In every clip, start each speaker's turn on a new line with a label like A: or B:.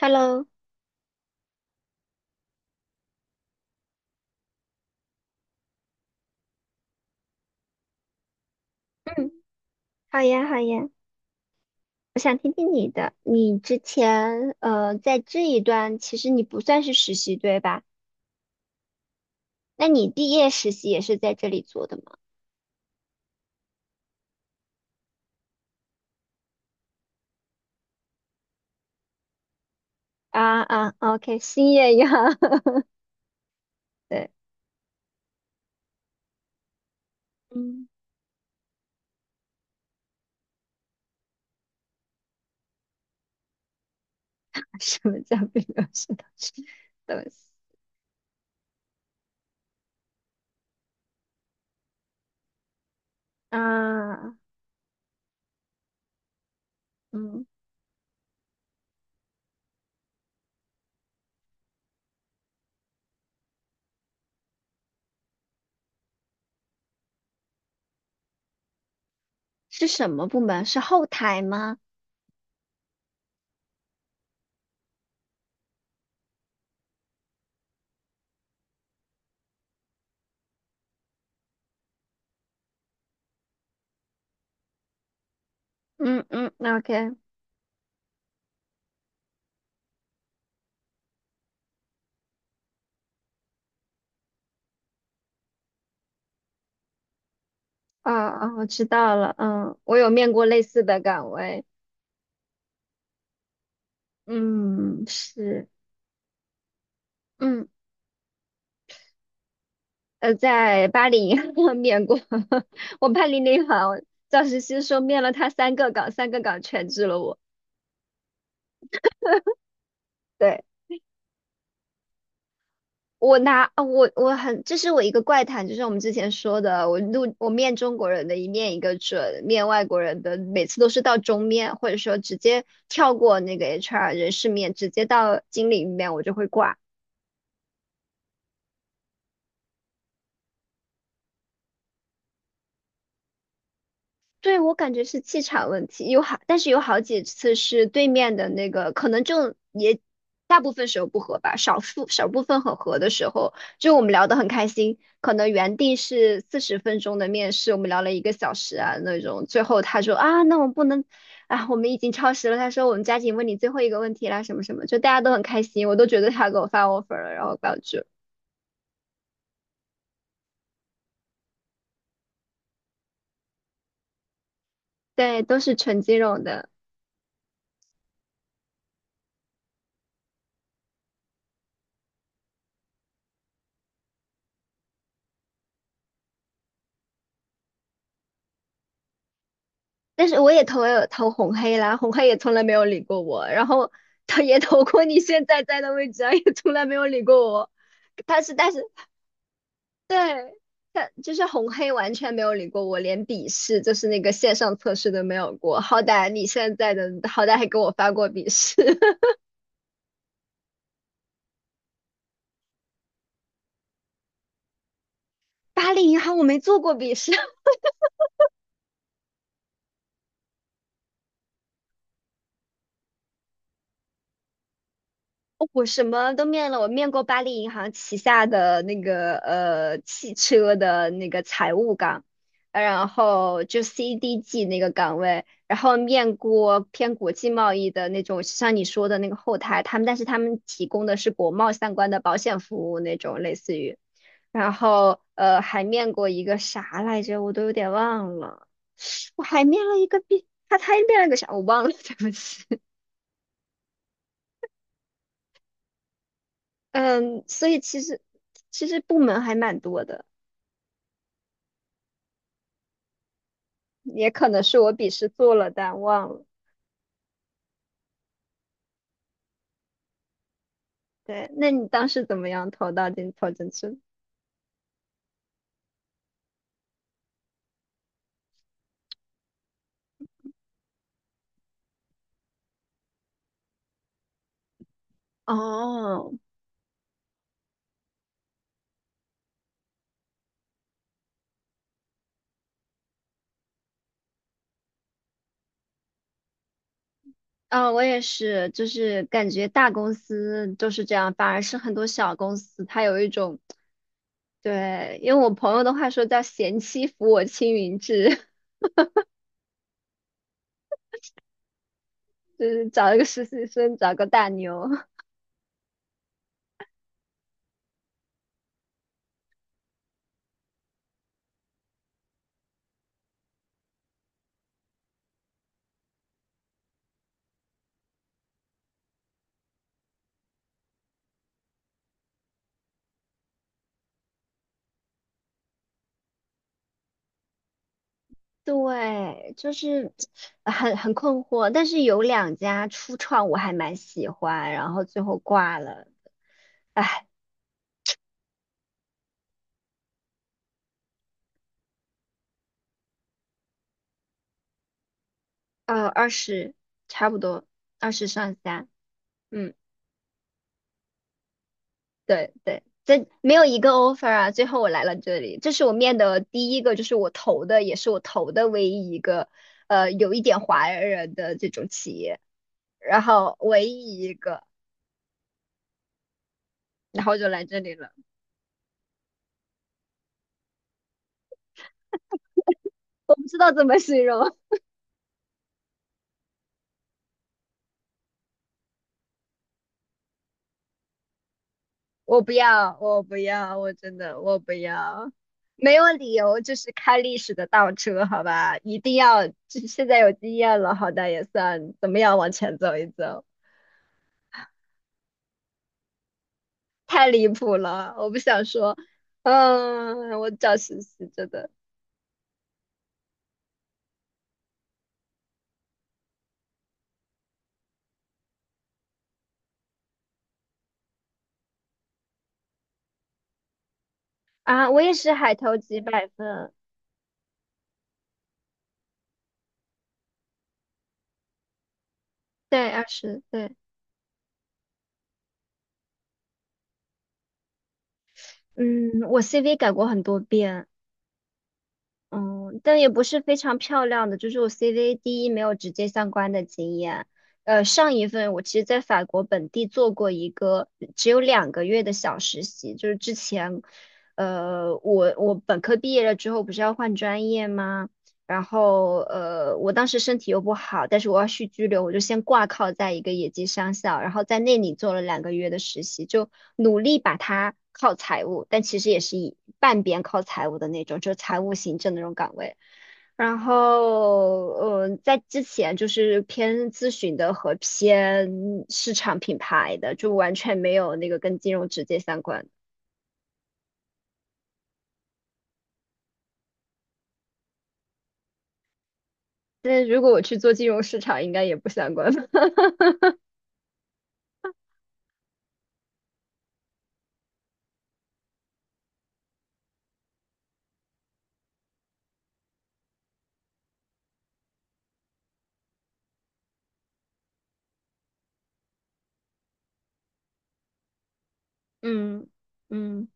A: Hello，嗯，好呀，好呀，我想听听你的。你之前在这一段其实你不算是实习，对吧？那你毕业实习也是在这里做的吗？啊啊，OK，新业呀，对，嗯，什么叫并没有学到什么东西？啊，嗯，是什么部门？是后台吗？嗯嗯，OK，那啊啊，我知道了，嗯，我有面过类似的岗位，嗯，是。嗯。在巴黎 面过，我巴黎那行赵石溪说面了他三个岗，三个岗全治了我。对，我拿，啊我我很，这是我一个怪谈，就是我们之前说的，我面中国人的一面一个准，面外国人的每次都是到中面，或者说直接跳过那个 HR 人事面，直接到经理面，我就会挂。对，我感觉是气场问题，但是有好几次是对面的那个，可能就也大部分时候不合吧，少数少部分很合的时候，就我们聊得很开心，可能原定是40分钟的面试，我们聊了一个小时啊那种，最后他说啊，那我们不能啊，我们已经超时了，他说我们加紧问你最后一个问题啦，什么什么，就大家都很开心，我都觉得他给我发 offer 了，然后把我拒了。对，都是纯金融的。但是我也有投红黑啦，红黑也从来没有理过我，然后他也投过你现在在的位置啊，也从来没有理过我。他是，但是对，他就是红黑完全没有理过我，连笔试就是那个线上测试都没有过。好歹你现在的，好歹还给我发过笔试。巴黎银行我没做过笔试，哦我什么都面了，我面过巴黎银行旗下的那个汽车的那个财务岗，然后就 CDG 那个岗位，然后面过偏国际贸易的那种，像你说的那个后台，但是他们提供的是国贸相关的保险服务那种，类似于，然后还面过一个啥来着，我都有点忘了，我还面了一个 B，他面了个啥我忘了，对不起。嗯，所以其实部门还蛮多的，也可能是我笔试做了但忘了。对，那你当时怎么样投到进投进去？哦，啊，我也是，就是感觉大公司就是这样，反而是很多小公司它有一种，对，因为我朋友的话说叫“贤妻扶我青云志”，就是找一个实习生，找个大牛。对，就是很困惑，但是有两家初创我还蛮喜欢，然后最后挂了，二十差不多，二十上下，嗯，对对，这没有一个 offer 啊，最后我来了这里，这是我面的第一个，就是我投的，也是我投的唯一一个，有一点华人的这种企业，然后唯一一个，然后就来这里了，我不知道怎么形容，我不要，我不要，我真的我不要，没有理由就是开历史的倒车，好吧？一定要，这现在有经验了，好歹也算怎么样往前走一走，太离谱了，我不想说，嗯，我找实习真的啊，我也是海投几百分，对二十对，嗯，我 CV 改过很多遍，嗯，但也不是非常漂亮的，就是我 CV 第一没有直接相关的经验。上一份我其实在法国本地做过一个只有两个月的小实习，就是之前，我本科毕业了之后不是要换专业吗？然后我当时身体又不好，但是我要续居留，我就先挂靠在一个野鸡商校，然后在那里做了两个月的实习，就努力把它靠财务，但其实也是以半边靠财务的那种，就是财务行政的那种岗位。然后，在之前就是偏咨询的和偏市场品牌的，就完全没有那个跟金融直接相关的。但是如果我去做金融市场，应该也不相关吧。嗯嗯。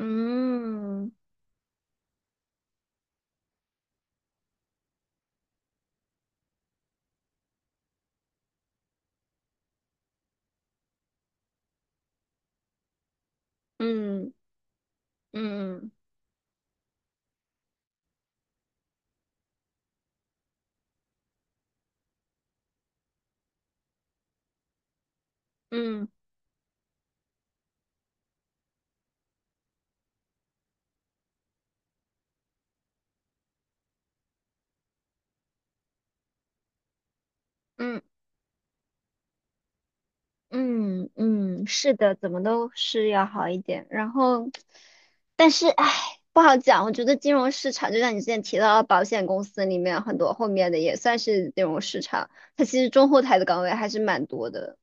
A: 嗯嗯嗯嗯嗯嗯嗯，是的，怎么都是要好一点。然后，但是唉，不好讲。我觉得金融市场，就像你之前提到的保险公司里面很多后面的也算是金融市场，它其实中后台的岗位还是蛮多的。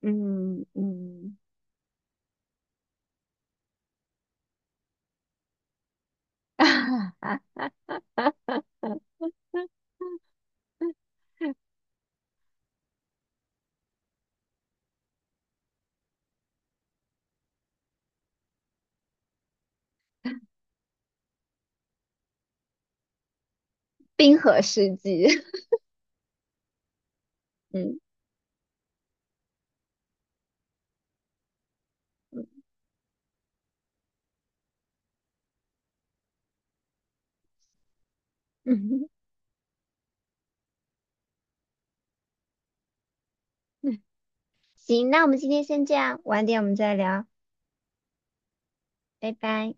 A: 嗯嗯，冰河世纪。嗯嗯，行，那我们今天先这样，晚点我们再聊，拜拜。